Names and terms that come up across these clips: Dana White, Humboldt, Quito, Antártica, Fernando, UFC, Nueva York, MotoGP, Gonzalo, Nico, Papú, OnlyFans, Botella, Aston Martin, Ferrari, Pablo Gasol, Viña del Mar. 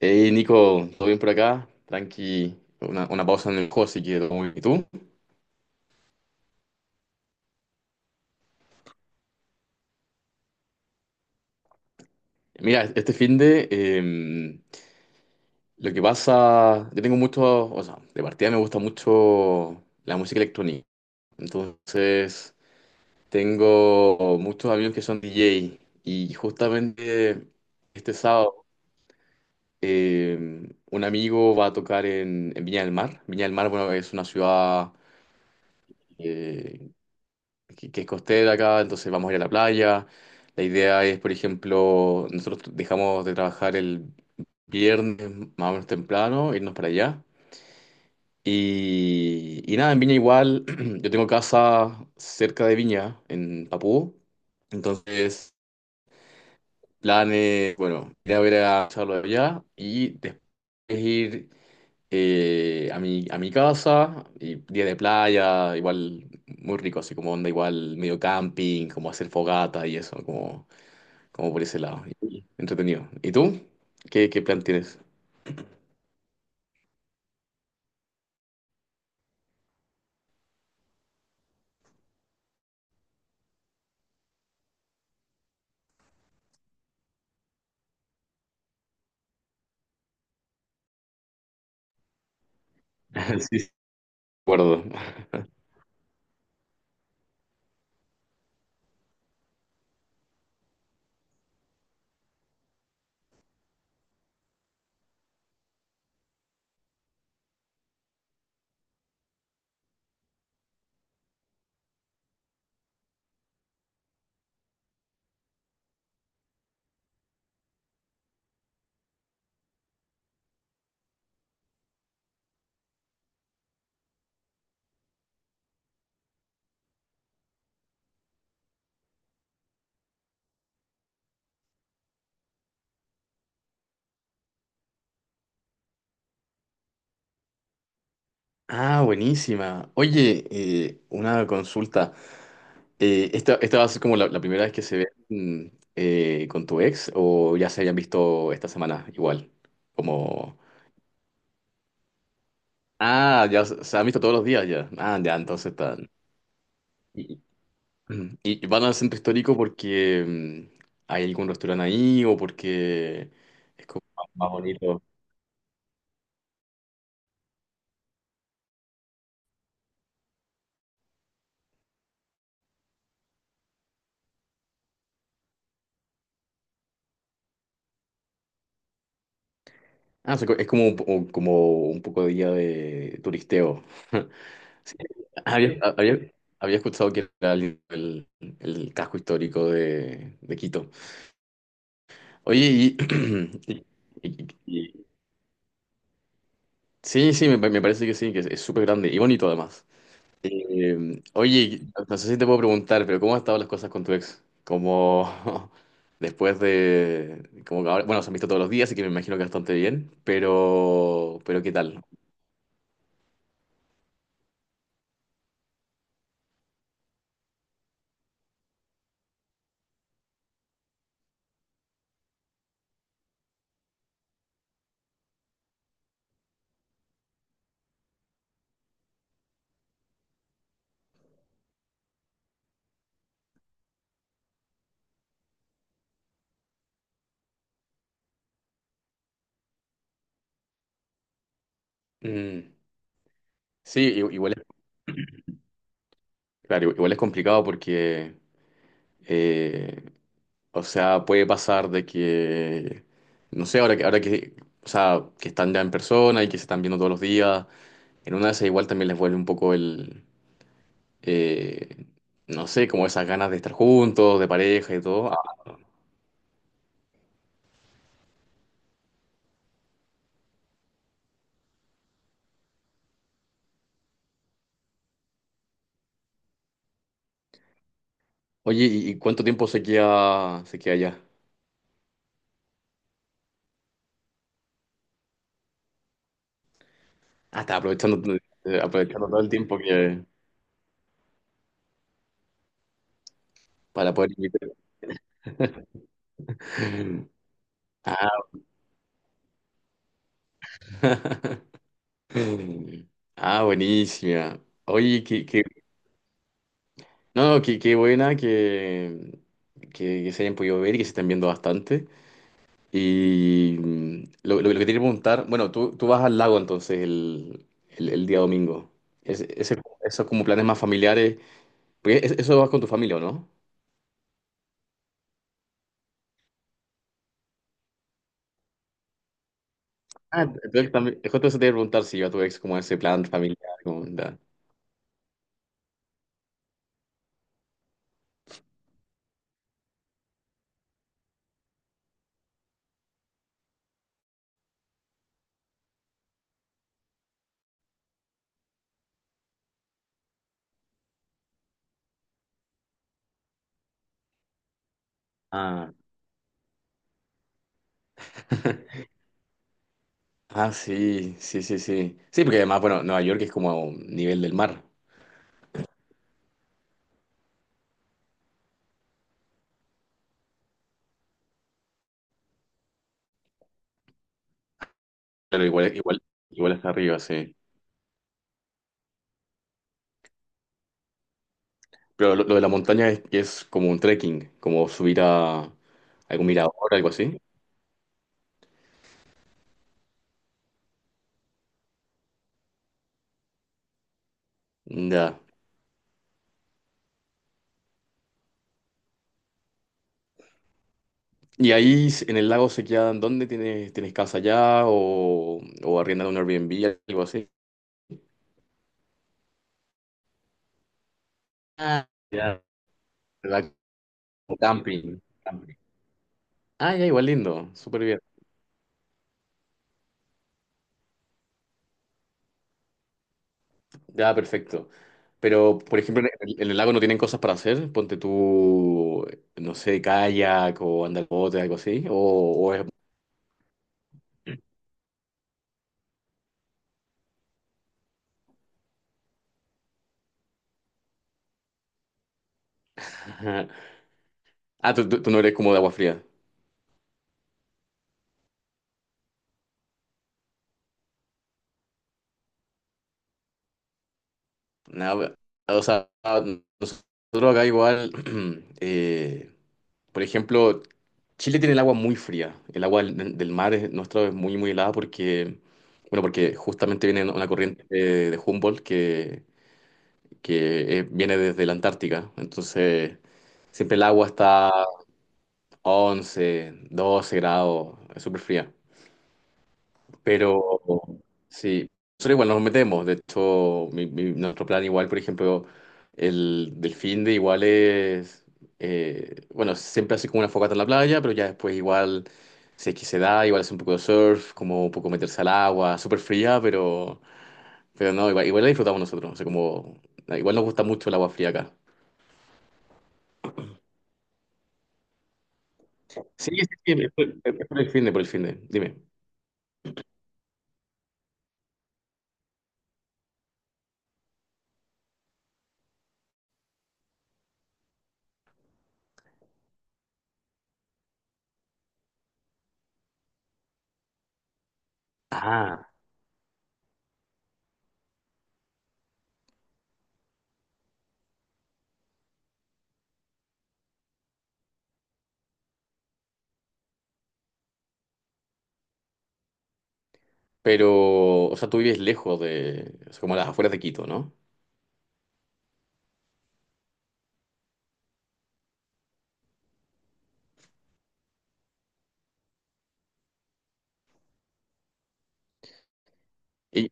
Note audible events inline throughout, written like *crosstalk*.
Hey Nico, ¿todo bien por acá? Tranqui, una pausa en el juego si quiero. ¿Y tú? Mira, este fin de lo que pasa, yo tengo mucho, o sea, de partida me gusta mucho la música electrónica. Entonces, tengo muchos amigos que son DJ y justamente este sábado un amigo va a tocar en Viña del Mar. Viña del Mar, bueno, es una ciudad, eh, que es costera acá, entonces vamos a ir a la playa. La idea es, por ejemplo, nosotros dejamos de trabajar el viernes más o menos temprano, irnos para allá. Y nada, en Viña igual, *clears throat* yo tengo casa cerca de Viña, en Papú. Entonces, planes, bueno, ir a ver a Gonzalo allá y después ir a mi casa, y día de playa, igual muy rico, así como onda igual medio camping, como hacer fogata y eso, como, como por ese lado. Y entretenido. ¿Y tú? ¿Qué plan tienes? *laughs* Sí, sí, de acuerdo. Ah, buenísima. Oye, una consulta. ¿Esta va a ser como la primera vez que se ven con tu ex o ya se habían visto esta semana igual? Como, ah, ya se han visto todos los días ya. Ah, ya, entonces están. *clears throat* Mm. ¿Y van al centro histórico porque hay algún restaurante ahí o porque más bonito? Ah, o sea, co- es como, un po- o- como un poco de día de turisteo. *laughs* Sí. Había, había- había escuchado que era el el casco histórico de Quito. Oye, y, *clears throat* y- y- sí, sí, me parece que sí, que es súper grande y bonito además. Oye, no sé si te puedo preguntar, pero ¿cómo han estado las cosas con tu ex? Como *laughs* después de, como que ahora, bueno, se han visto todos los días, así que me imagino que bastante bien, pero ¿qué tal? Mm, sí, i- igual es, claro, igual es complicado porque, eh, o sea, puede pasar de que, no sé, ahora que, o sea, que están ya en persona y que se están viendo todos los días, en una de esas igual también les vuelve un poco el eh, no sé, como esas ganas de estar juntos, de pareja y todo. Ah, oye, y cuánto tiempo se queda allá? Ah, está aprovechando, aprovechando todo el tiempo que para poder invitar. *laughs* Ah, mm, ah, buenísima. Oye, qué, qué- no, qué, qué buena que se hayan podido ver y que se estén viendo bastante. Y mm, lo lo que te quería preguntar, bueno, tú vas al lago entonces el el día domingo. Es- ese- esos como planes más familiares. Porque es- eso vas con tu familia, ¿o no? Ah, entonces también, es justo eso te iba a preguntar si iba tu ex como ese plan familiar, como onda. Ah. *laughs* Ah, sí, sí, sí, sí. Sí, porque además, bueno, Nueva York es como a un nivel del mar. Pero igual, igual, igual hasta arriba, sí. Pero lo de la montaña es que es como un trekking, como subir a algún mirador, algo así. Ya. Y ahí s- en el lago se quedan, ¿dónde tienes, tienes casa allá? O, ¿o arriendan un Airbnb, algo así? Ah, ya. ¿Verdad? Como camping. Ah, ya, igual lindo, súper bien. Ya, perfecto. Pero, por ejemplo, en el lago no tienen cosas para hacer. Ponte tú, no sé, kayak o andar en bote, algo así. ¿O o es? *laughs* Ah, tú- tú no eres como de agua fría. Nada, o sea, nosotros acá igual, *clears throat* eh, por ejemplo, Chile tiene el agua muy fría. El agua del mar es, nuestro es muy, muy helada porque, bueno, porque justamente viene una corriente de Humboldt que viene desde la Antártica. Entonces, siempre el agua está a 11, 12 grados, es súper fría. Pero sí, nosotros igual nos metemos. De hecho, mi- mi- nuestro plan igual, por ejemplo, el del fin de igual es, bueno, siempre así como una fogata en la playa, pero ya después igual, si es que se da, igual hace un poco de surf, como un poco meterse al agua, súper fría, pero no, igual, igual la disfrutamos nosotros. O sea, como, igual nos gusta mucho el agua fría acá. Sí, sí, sí, por el fin de, por el fin de. Dime. Ah, pero, o sea, tú vives lejos de, o sea, como a las afueras de Quito, ¿no? Y,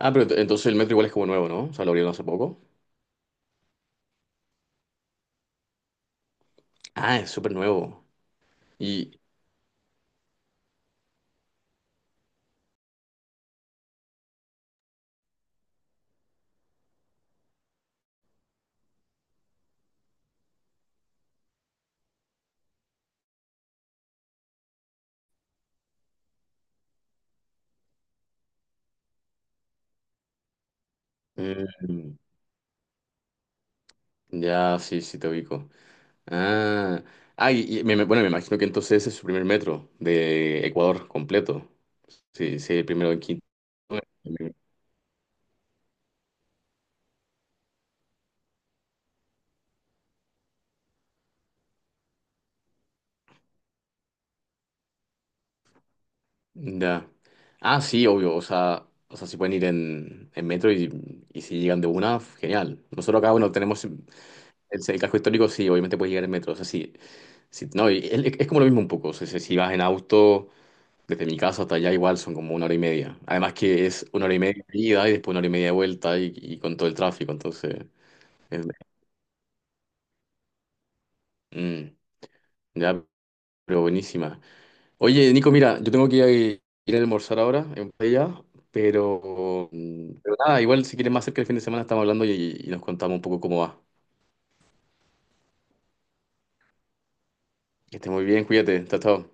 ah, pero ent- entonces el metro igual es como nuevo, ¿no? O sea, lo abrieron hace poco. Ah, es súper nuevo. Y, mm, ya, sí, sí, te ubico. Ah, ah y me, me- bueno, me imagino que entonces ese es su primer metro de Ecuador completo. Sí, sí, el primero en Quito. Ya. Ah, sí, obvio. O sea, si pueden ir en metro y si llegan de una, genial. Nosotros acá, bueno, tenemos el casco histórico, sí, obviamente puedes llegar en metro. O sea, sí. sí, no, y es como lo mismo un poco. O sea, si si vas en auto, desde mi casa hasta allá, igual son como una hora y media. Además que es una hora y media de ida y después una hora y media de vuelta y con todo el tráfico. Entonces, es mm, ya, pero buenísima. Oye, Nico, mira, yo tengo que ir a almorzar ahora en Botella, pero, mm, pero nada, igual si quieres más cerca el fin de semana estamos hablando y nos contamos un poco cómo va. Que estés muy bien, cuídate, chao, chao.